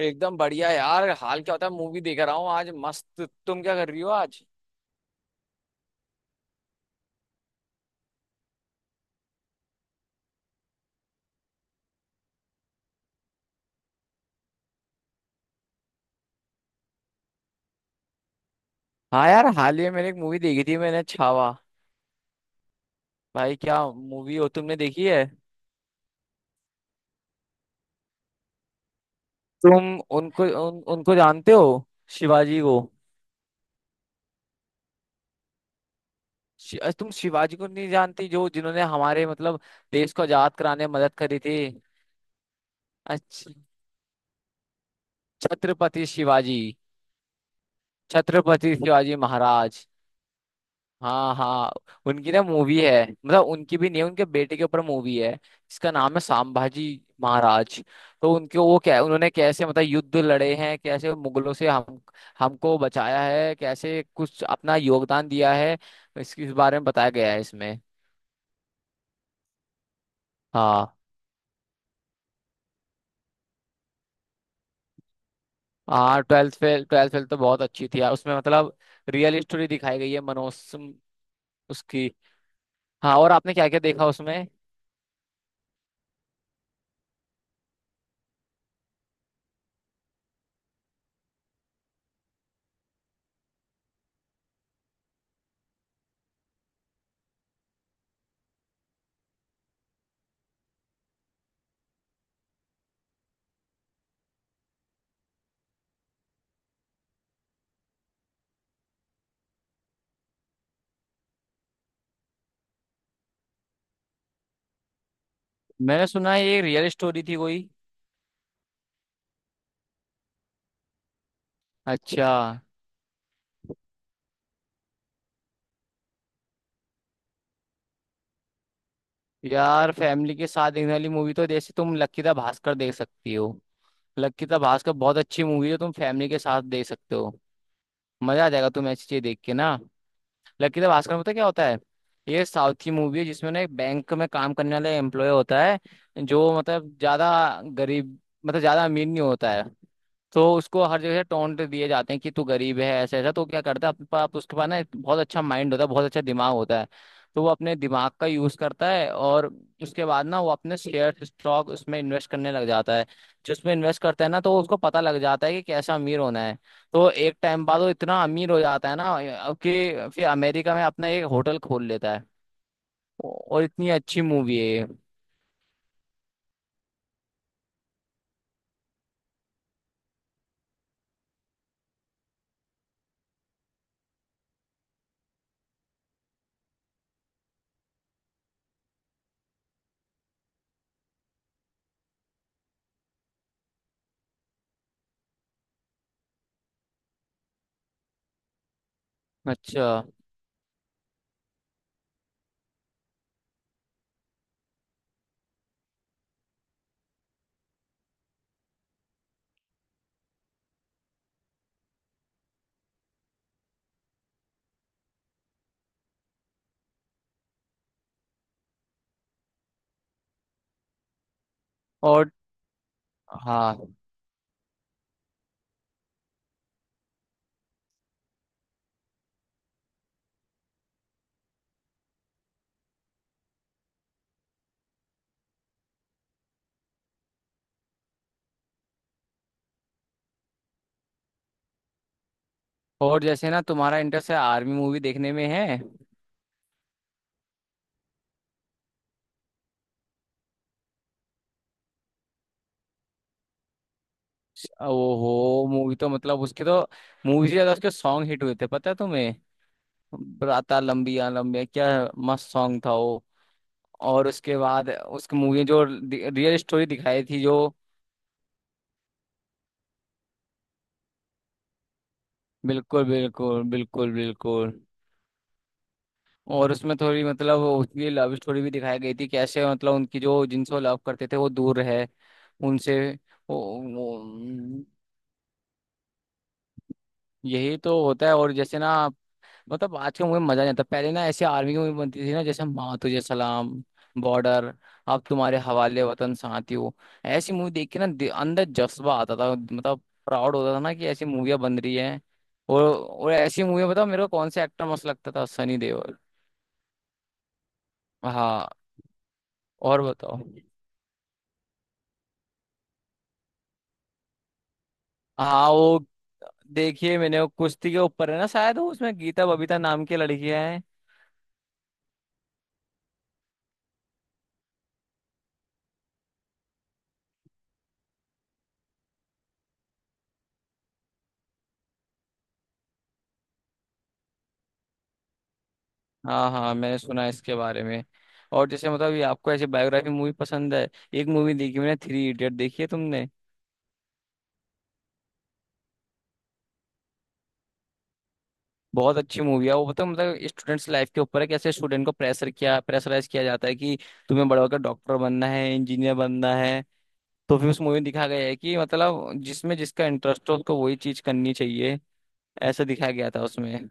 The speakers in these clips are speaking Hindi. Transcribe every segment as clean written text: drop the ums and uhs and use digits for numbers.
एकदम बढ़िया यार। हाल क्या होता है, मूवी देख रहा हूँ आज। मस्त, तुम क्या कर रही हो आज? हाँ यार, हाल ही में मैंने एक मूवी देखी थी, मैंने छावा। भाई क्या मूवी हो, तुमने देखी है? तुम उनको उनको जानते हो? शिवाजी को। तुम शिवाजी को नहीं जानती, जो जिन्होंने हमारे मतलब देश को आजाद कराने में मदद करी थी। अच्छा, छत्रपति शिवाजी, छत्रपति शिवाजी महाराज। हाँ हाँ। उनकी ना मूवी है, मतलब उनकी भी नहीं है, उनके बेटे के ऊपर मूवी है। इसका नाम है सांभाजी महाराज। तो उनके वो क्या उन्होंने कैसे मतलब युद्ध लड़े हैं, कैसे मुगलों से हम हमको बचाया है, कैसे कुछ अपना योगदान दिया है, इसके इस बारे में बताया गया है इसमें। हाँ हाँ, ट्वेल्थ फेल, ट्वेल्थ फेल तो बहुत अच्छी थी यार। उसमें मतलब रियल स्टोरी दिखाई गई है, मनोज उसकी। हाँ, और आपने क्या क्या देखा उसमें? मैंने सुना है ये रियल स्टोरी थी कोई। अच्छा यार, फैमिली के साथ देखने वाली मूवी तो जैसे तुम लक्की द भास्कर देख सकती हो। लक्की द भास्कर बहुत अच्छी मूवी है, तुम फैमिली के साथ देख सकते हो। मजा आ जाएगा तुम्हें ऐसी चीज देख के ना। लकीला भास्कर में पता है क्या होता है? ये साउथ की मूवी है, जिसमें ना एक बैंक में काम करने वाला एम्प्लॉय होता है, जो मतलब ज्यादा गरीब, मतलब ज्यादा अमीर नहीं होता है। तो उसको हर जगह से टोंट दिए जाते हैं कि तू गरीब है, ऐसा ऐसा। तो क्या करता है, अपने पास उसके पास ना एक बहुत अच्छा माइंड होता है, बहुत अच्छा दिमाग होता है। तो वो अपने दिमाग का यूज करता है, और उसके बाद ना वो अपने शेयर स्टॉक उसमें इन्वेस्ट करने लग जाता है। जिसमें इन्वेस्ट करता है ना, तो उसको पता लग जाता है कि कैसा अमीर होना है। तो एक टाइम बाद वो इतना अमीर हो जाता है ना, अब कि फिर अमेरिका में अपना एक होटल खोल लेता है। और इतनी अच्छी मूवी है ये। अच्छा। और हाँ, और जैसे ना तुम्हारा इंटरेस्ट है, आर्मी मूवी देखने में है। वो हो मूवी, तो मतलब उसके तो मूवी से ज्यादा उसके सॉन्ग हिट हुए थे, पता है तुम्हें? राता लंबिया लंबिया क्या मस्त सॉन्ग था वो। और उसके बाद उसकी मूवी जो रियल स्टोरी दिखाई थी जो, बिल्कुल बिल्कुल बिल्कुल बिल्कुल। और उसमें थोड़ी मतलब उसकी लव स्टोरी भी दिखाई गई थी, कैसे मतलब उनकी जो जिनसे वो लव करते थे वो दूर रहे उनसे। वो, वो यही तो होता है। और जैसे ना, मतलब आज के मूवी में मजा नहीं आता, पहले ना ऐसे आर्मी की मूवी बनती थी ना, जैसे माँ तुझे सलाम, बॉर्डर, अब तुम्हारे हवाले वतन साथियों। ऐसी मूवी देख के ना अंदर जज्बा आता था, मतलब प्राउड होता था ना कि ऐसी मूवियाँ बन रही हैं। और ऐसी मूवी बताओ मेरे को, कौन सा एक्टर मस्त लगता था? सनी देओल। हाँ, और बताओ। हाँ वो देखिए, मैंने वो कुश्ती के ऊपर है ना शायद वो, उसमें गीता बबीता नाम की लड़कियां हैं। हाँ हाँ, मैंने सुना है इसके बारे में। और जैसे मतलब ये आपको ऐसी बायोग्राफी मूवी पसंद है? एक मूवी देखी मैंने, थ्री इडियट देखी है तुमने? बहुत अच्छी मूवी है वो, बताओ मतलब स्टूडेंट्स लाइफ के ऊपर है, कैसे स्टूडेंट को प्रेशर किया प्रेशराइज किया जाता है कि तुम्हें बड़ा होकर डॉक्टर बनना है, इंजीनियर बनना है। तो फिर उस मूवी में दिखा गया है कि मतलब जिसमें जिसका इंटरेस्ट हो, उसको वही चीज करनी चाहिए, ऐसा दिखाया गया था उसमें।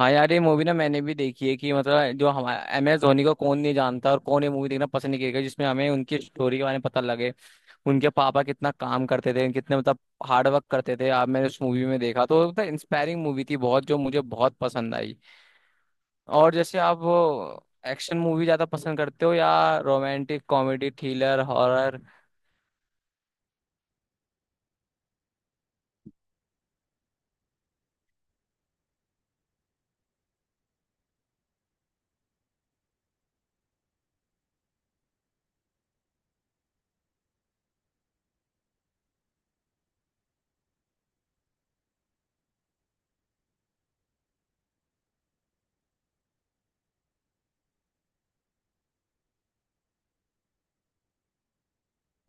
हाँ यार, ये मूवी ना मैंने भी देखी है कि मतलब जो हमारा MS धोनी को कौन नहीं जानता, और कौन ये मूवी देखना पसंद नहीं करेगा जिसमें हमें उनकी स्टोरी के बारे में पता लगे। उनके पापा कितना काम करते थे, कितने मतलब हार्ड वर्क करते थे। आप मैंने उस मूवी में देखा, तो मतलब इंस्पायरिंग मूवी थी बहुत, जो मुझे बहुत पसंद आई। और जैसे आप एक्शन मूवी ज्यादा पसंद करते हो या रोमांटिक कॉमेडी थ्रिलर हॉरर?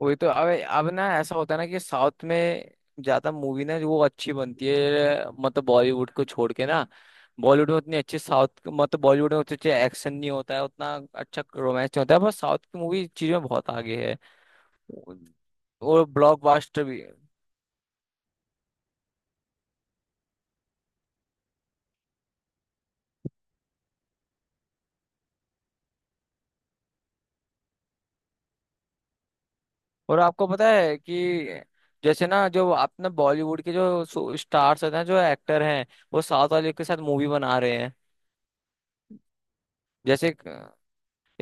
वही तो, अब ना ऐसा होता है ना कि साउथ में ज्यादा मूवी ना जो वो अच्छी बनती है, मतलब बॉलीवुड को छोड़ के ना। बॉलीवुड में उतनी अच्छी साउथ, मतलब बॉलीवुड में उतने अच्छे एक्शन नहीं होता है, उतना अच्छा रोमांस नहीं होता है, पर साउथ की मूवी चीज में बहुत आगे है। और ब्लॉकबस्टर भी है। और आपको पता है कि जैसे ना जो अपना बॉलीवुड के जो स्टार्स होते हैं, जो एक्टर हैं, वो साउथ वाले के साथ मूवी बना रहे हैं। जैसे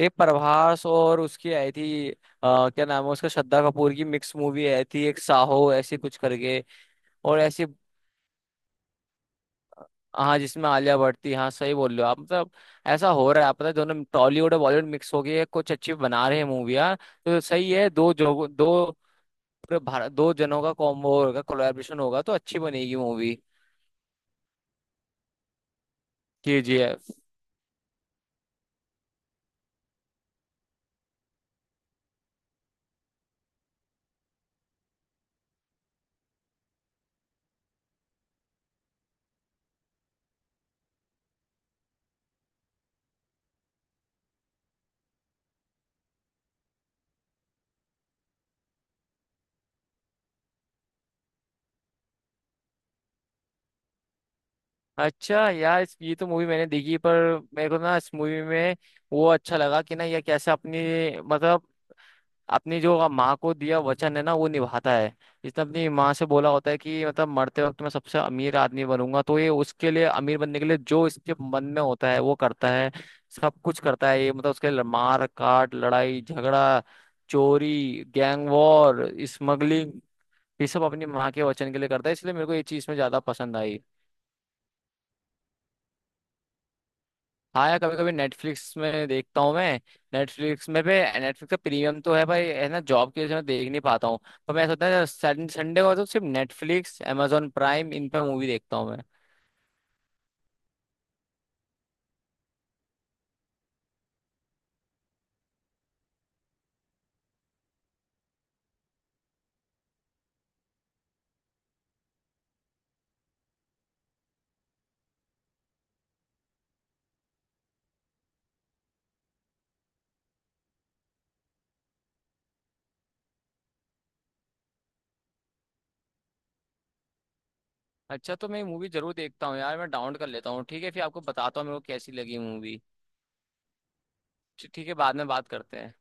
एक प्रभास और उसकी आई थी, क्या नाम है उसका, श्रद्धा कपूर की मिक्स मूवी आई थी एक, साहो ऐसी कुछ करके। और ऐसी, हाँ जिसमें आलिया भट्ट थी, हाँ सही बोल रहे हो आप। मतलब ऐसा हो रहा है, आप पता है दोनों टॉलीवुड और बॉलीवुड मिक्स हो गई है, कुछ अच्छी बना रहे हैं मूवियाँ। तो सही है, दो पूरे भारत, दो जनों का कॉम्बो होगा, कोलैबोरेशन होगा, तो अच्छी बनेगी मूवी। KGF। अच्छा यार, ये तो मूवी मैंने देखी, पर मेरे को ना इस मूवी में वो अच्छा लगा कि ना ये कैसे अपनी मतलब अपनी जो आप माँ को दिया वचन है ना वो निभाता है। जिसने अपनी माँ से बोला होता है कि मतलब मरते वक्त मैं सबसे अमीर आदमी बनूंगा, तो ये उसके लिए अमीर बनने के लिए जो इसके मन में होता है वो करता है। सब कुछ करता है ये, मतलब उसके लिए मार काट लड़ाई झगड़ा, चोरी, गैंग वॉर, स्मगलिंग, ये सब अपनी माँ के वचन के लिए करता है, इसलिए मेरे को ये चीज में ज्यादा पसंद आई। हाँ यार, कभी कभी नेटफ्लिक्स में देखता हूँ मैं। नेटफ्लिक्स में पे, नेटफ्लिक्स का प्रीमियम तो है भाई, है ना, जॉब की वजह से मैं देख नहीं पाता हूँ। पर मैं सोचता है संडे को तो, सिर्फ नेटफ्लिक्स amazon प्राइम इन पे मूवी देखता हूँ मैं। अच्छा तो मैं मूवी जरूर देखता हूँ यार, मैं डाउनलोड कर लेता हूँ, ठीक है, फिर आपको बताता हूँ मेरे को कैसी लगी मूवी। ठीक है, बाद में बात करते हैं।